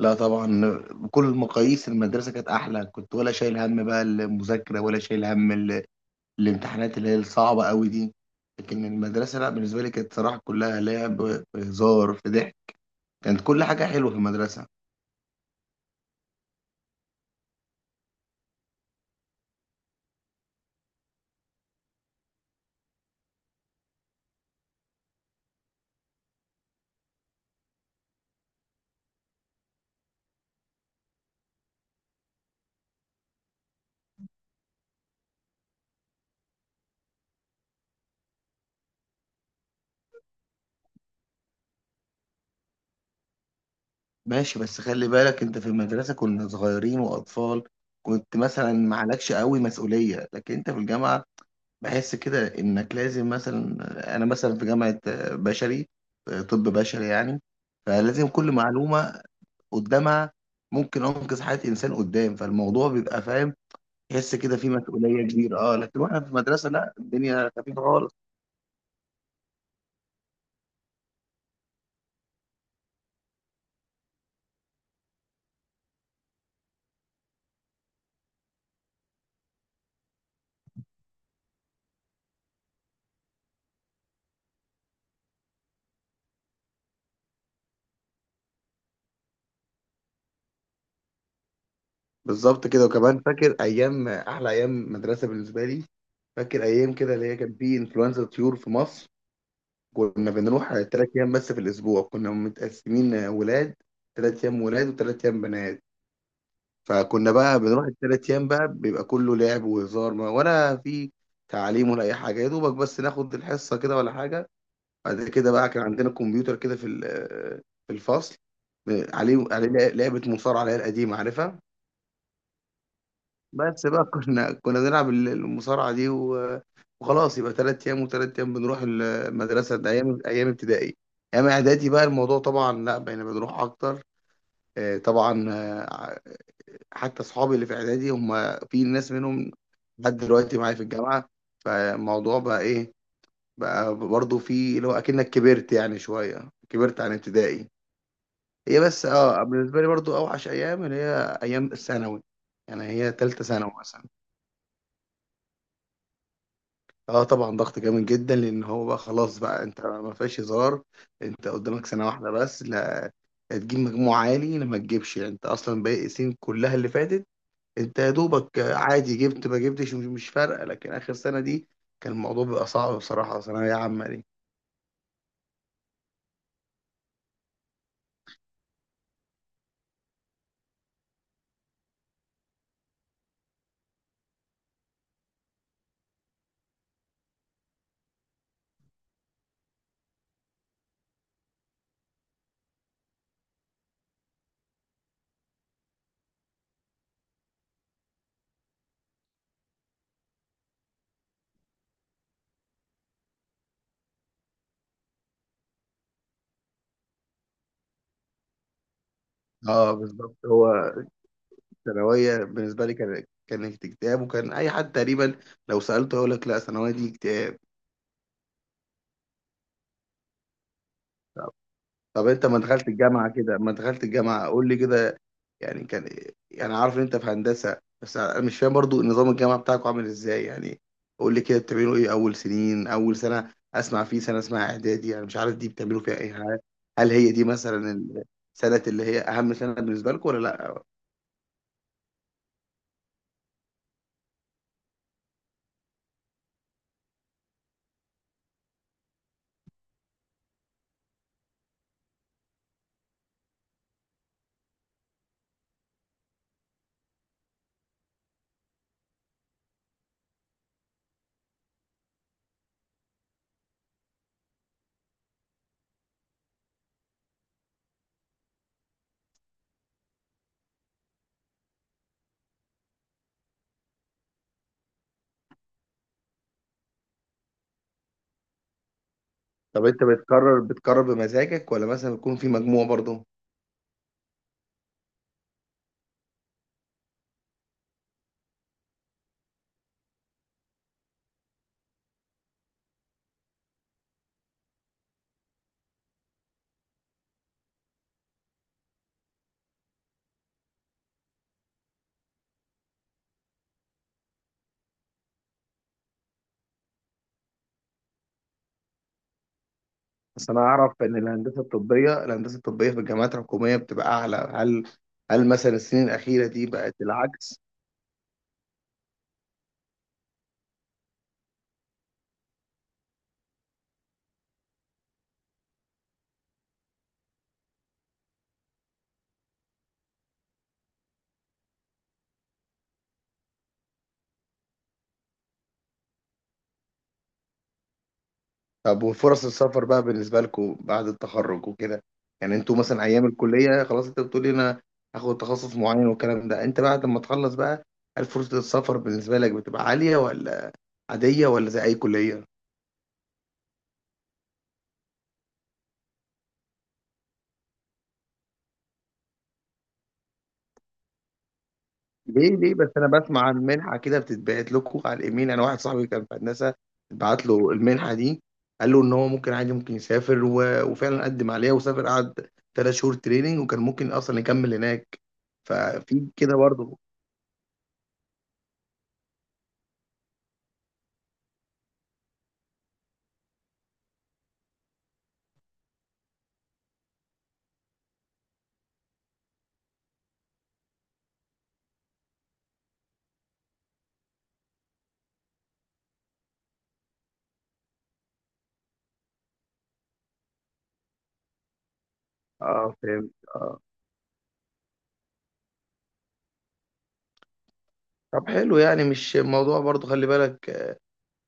لا طبعا، بكل المقاييس المدرسة كانت أحلى. كنت ولا شايل هم بقى المذاكرة ولا شايل هم الامتحانات اللي هي الصعبة قوي دي. لكن المدرسة، لا، بالنسبة لي كانت صراحة كلها لعب، في هزار، في ضحك. كانت كل حاجة حلوة في المدرسة. ماشي، بس خلي بالك، أنت في المدرسة كنا صغيرين وأطفال. كنت مثلا معلكش قوي مسؤولية، لكن أنت في الجامعة بحس كده إنك لازم مثلا. أنا مثلا في جامعة بشري، طب بشري يعني، فلازم كل معلومة قدامها ممكن انقذ حياه انسان قدام، فالموضوع بيبقى، فاهم، تحس كده في مسؤوليه كبيره. اه، لكن واحنا في المدرسه لا، الدنيا خفيفه خالص. بالظبط كده. وكمان فاكر ايام، احلى ايام مدرسه بالنسبه لي، فاكر ايام كده اللي هي كان في انفلونزا طيور في مصر. كنا بنروح 3 ايام بس في الاسبوع، كنا متقسمين، ولاد 3 ايام ولاد و3 ايام بنات فكنا بقى بنروح الثلاث ايام، بقى بيبقى كله لعب وهزار، ولا في تعليم ولا اي حاجه، يا دوبك بس ناخد الحصه كده ولا حاجه. بعد كده بقى كان عندنا كمبيوتر كده في الفصل، عليه لعبة مصارعة اللي هي القديمة، عارفها. بس بقى كنا بنلعب المصارعة دي وخلاص، يبقى تلات أيام وتلات أيام بنروح المدرسة. ده أيام، أيام ابتدائي. أيام إعدادي بقى الموضوع طبعا لا، بقينا بنروح أكتر. طبعا. حتى أصحابي اللي في إعدادي هم، في ناس منهم لحد دلوقتي معايا في الجامعة. فالموضوع بقى إيه، بقى برضه في اللي هو أكنك كبرت يعني شوية، كبرت عن ابتدائي. هي بس اه، بالنسبه لي برضو اوحش ايام اللي هي ايام الثانوي، يعني هي تالتة ثانوي مثلا. اه طبعا، ضغط جامد جدا، لان هو بقى خلاص، بقى انت ما فيهاش هزار، انت قدامك سنه واحده بس، لا تجيب مجموع عالي لا ما تجيبش، يعني انت اصلا باقي السنين كلها اللي فاتت انت يا دوبك عادي جبت ما جبتش، مش فارقه، لكن اخر سنه دي كان الموضوع بيبقى صعب بصراحه، ثانويه عامه دي. اه بالظبط. هو الثانويه بالنسبه لي كانت اكتئاب، وكان اي حد تقريبا لو سالته يقول لك لا، ثانويه دي اكتئاب. طب انت ما دخلت الجامعه كده، ما دخلت الجامعه قول لي كده، يعني كان يعني عارف ان انت في هندسه، بس انا مش فاهم برضو نظام الجامعه بتاعكم عامل ازاي يعني. قول لي كده، بتعملوا ايه اول سنين، اول سنه اسمع، في سنه اسمها اعدادي انا مش عارف دي بتعملوا فيها ايه، هل هي دي مثلا السنه اللي هي اهم سنه بالنسبه لكم، ولا لا؟ طب انت بتقرر بمزاجك، ولا مثلا بيكون في مجموع برضو؟ بس انا اعرف ان الهندسه الطبيه في الجامعات الحكوميه بتبقى اعلى، هل مثلا السنين الاخيره دي بقت العكس؟ طب وفرص السفر بقى بالنسبة لكم بعد التخرج وكده، يعني انتوا مثلا ايام الكلية خلاص انت بتقولي انا هاخد تخصص معين والكلام ده، انت بعد ما تخلص بقى، هل فرصة السفر بالنسبة لك بتبقى عالية، ولا عادية، ولا زي اي كلية؟ ليه بس، انا بسمع عن منحة كده بتتبعت لكم على الايميل، انا واحد صاحبي كان في هندسة، اتبعت له المنحة دي، قال له ان هو ممكن عادي ممكن يسافر، وفعلا قدم عليها وسافر، قعد 3 شهور تريننج، وكان ممكن اصلا يكمل هناك، ففي كده برضه. اه فهمت. طب حلو، يعني مش الموضوع برضو، خلي بالك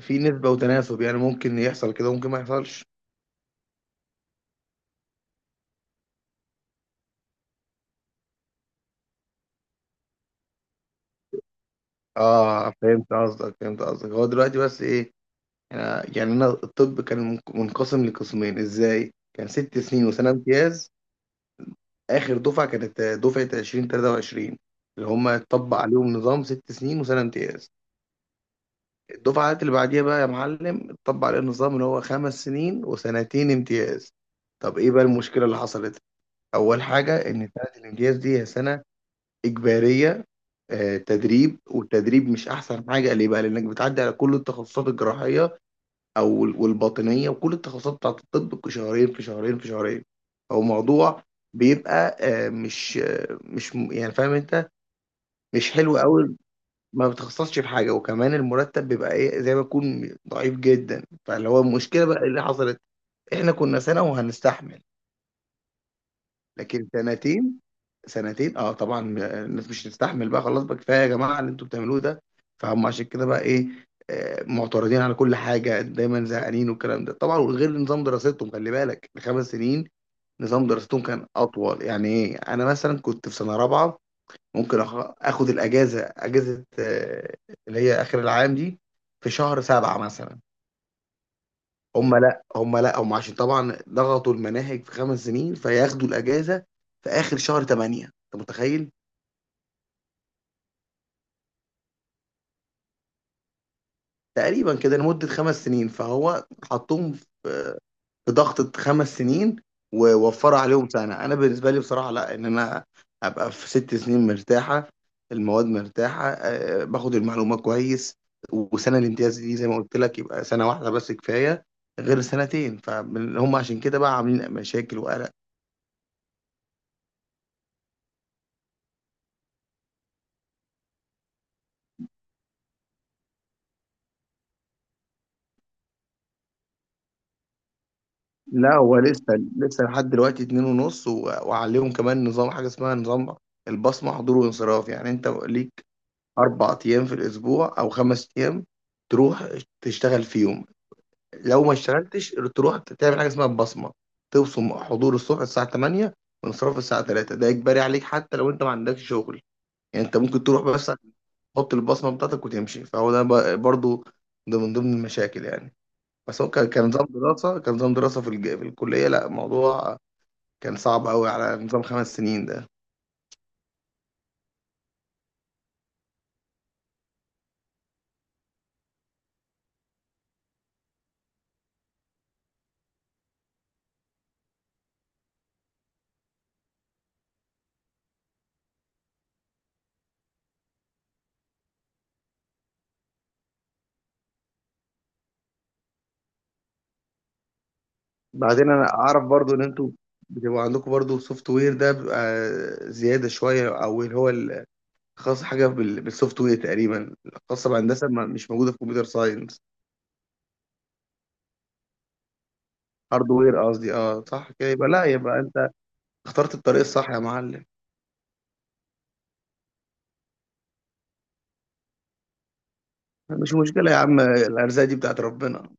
في نسبة وتناسب، يعني ممكن يحصل كده ممكن ما يحصلش. اه فهمت قصدك، هو دلوقتي بس ايه. يعني انا الطب كان منقسم لقسمين، ازاي؟ كان 6 سنين وسنة امتياز. اخر دفعة كانت دفعة 2023، اللي هم اتطبق عليهم نظام ست سنين وسنة امتياز. الدفعات اللي بعديها بقى يا معلم اتطبق عليهم نظام اللي هو 5 سنين وسنتين امتياز. طب ايه بقى المشكلة اللي حصلت؟ اول حاجة، ان سنة الامتياز دي هي سنة إجبارية، تدريب. والتدريب مش أحسن حاجة، ليه بقى؟ لأنك بتعدي على كل التخصصات الجراحية والباطنية وكل التخصصات بتاعت الطب، في شهرين في شهرين في شهرين، أو موضوع بيبقى، مش يعني فاهم أنت، مش حلو أوي. ما بتخصصش في حاجة، وكمان المرتب بيبقى إيه، زي ما يكون ضعيف جدا، فاللي هو المشكلة بقى اللي حصلت، إحنا كنا سنة وهنستحمل لكن سنتين. سنتين اه طبعا، الناس مش هتستحمل، بقى خلاص بقى كفايه يا جماعه اللي انتوا بتعملوه ده. فهم عشان كده بقى ايه، معترضين على كل حاجه، دايما زهقانين والكلام ده طبعا. وغير نظام دراستهم، خلي بالك الخمس سنين، نظام دراستهم كان اطول، يعني ايه، انا مثلا كنت في سنه رابعه، ممكن اخد الاجازه، اجازه، اللي هي اخر العام دي، في شهر 7 مثلا. هم لا هم لا هم عشان طبعا ضغطوا المناهج في 5 سنين، فياخدوا الاجازه في اخر شهر 8، انت متخيل، تقريبا كده لمده 5 سنين، فهو حطهم في ضغطه 5 سنين، ووفر عليهم سنه. انا بالنسبه لي بصراحه لا، ان انا ابقى في 6 سنين مرتاحه، المواد مرتاحه، باخد المعلومات كويس، وسنه الامتياز دي زي ما قلت لك، يبقى سنه واحده بس كفايه غير سنتين. فهم عشان كده بقى عاملين مشاكل وقلق. لا هو لسه لحد دلوقتي اتنين ونص، وعليهم كمان نظام حاجة اسمها نظام البصمة، حضور وانصراف، يعني انت ليك 4 أيام في الأسبوع أو 5 أيام تروح تشتغل فيهم، لو ما اشتغلتش تروح تعمل حاجة اسمها البصمة، تبصم حضور الصبح الساعة 8 وانصراف الساعة 3، ده إجباري عليك حتى لو انت ما عندكش شغل. يعني انت ممكن تروح بس تحط البصمة بتاعتك وتمشي، فهو ده برضو ده من ضمن المشاكل يعني. بس هو كان نظام دراسة في الكلية، لا الموضوع كان صعب قوي على نظام 5 سنين ده. بعدين انا اعرف برضو ان انتوا بتبقى عندكم برضو سوفت وير، ده بيبقى زيادة شوية، او اللي هو خاص حاجة بالسوفت وير تقريبا، خاصة بهندسة مش موجودة في كمبيوتر ساينس. هاردوير قصدي، اه صح كده، يبقى لا يبقى انت اخترت الطريق الصح يا معلم. مش مشكلة يا عم، الأرزاق دي بتاعت ربنا.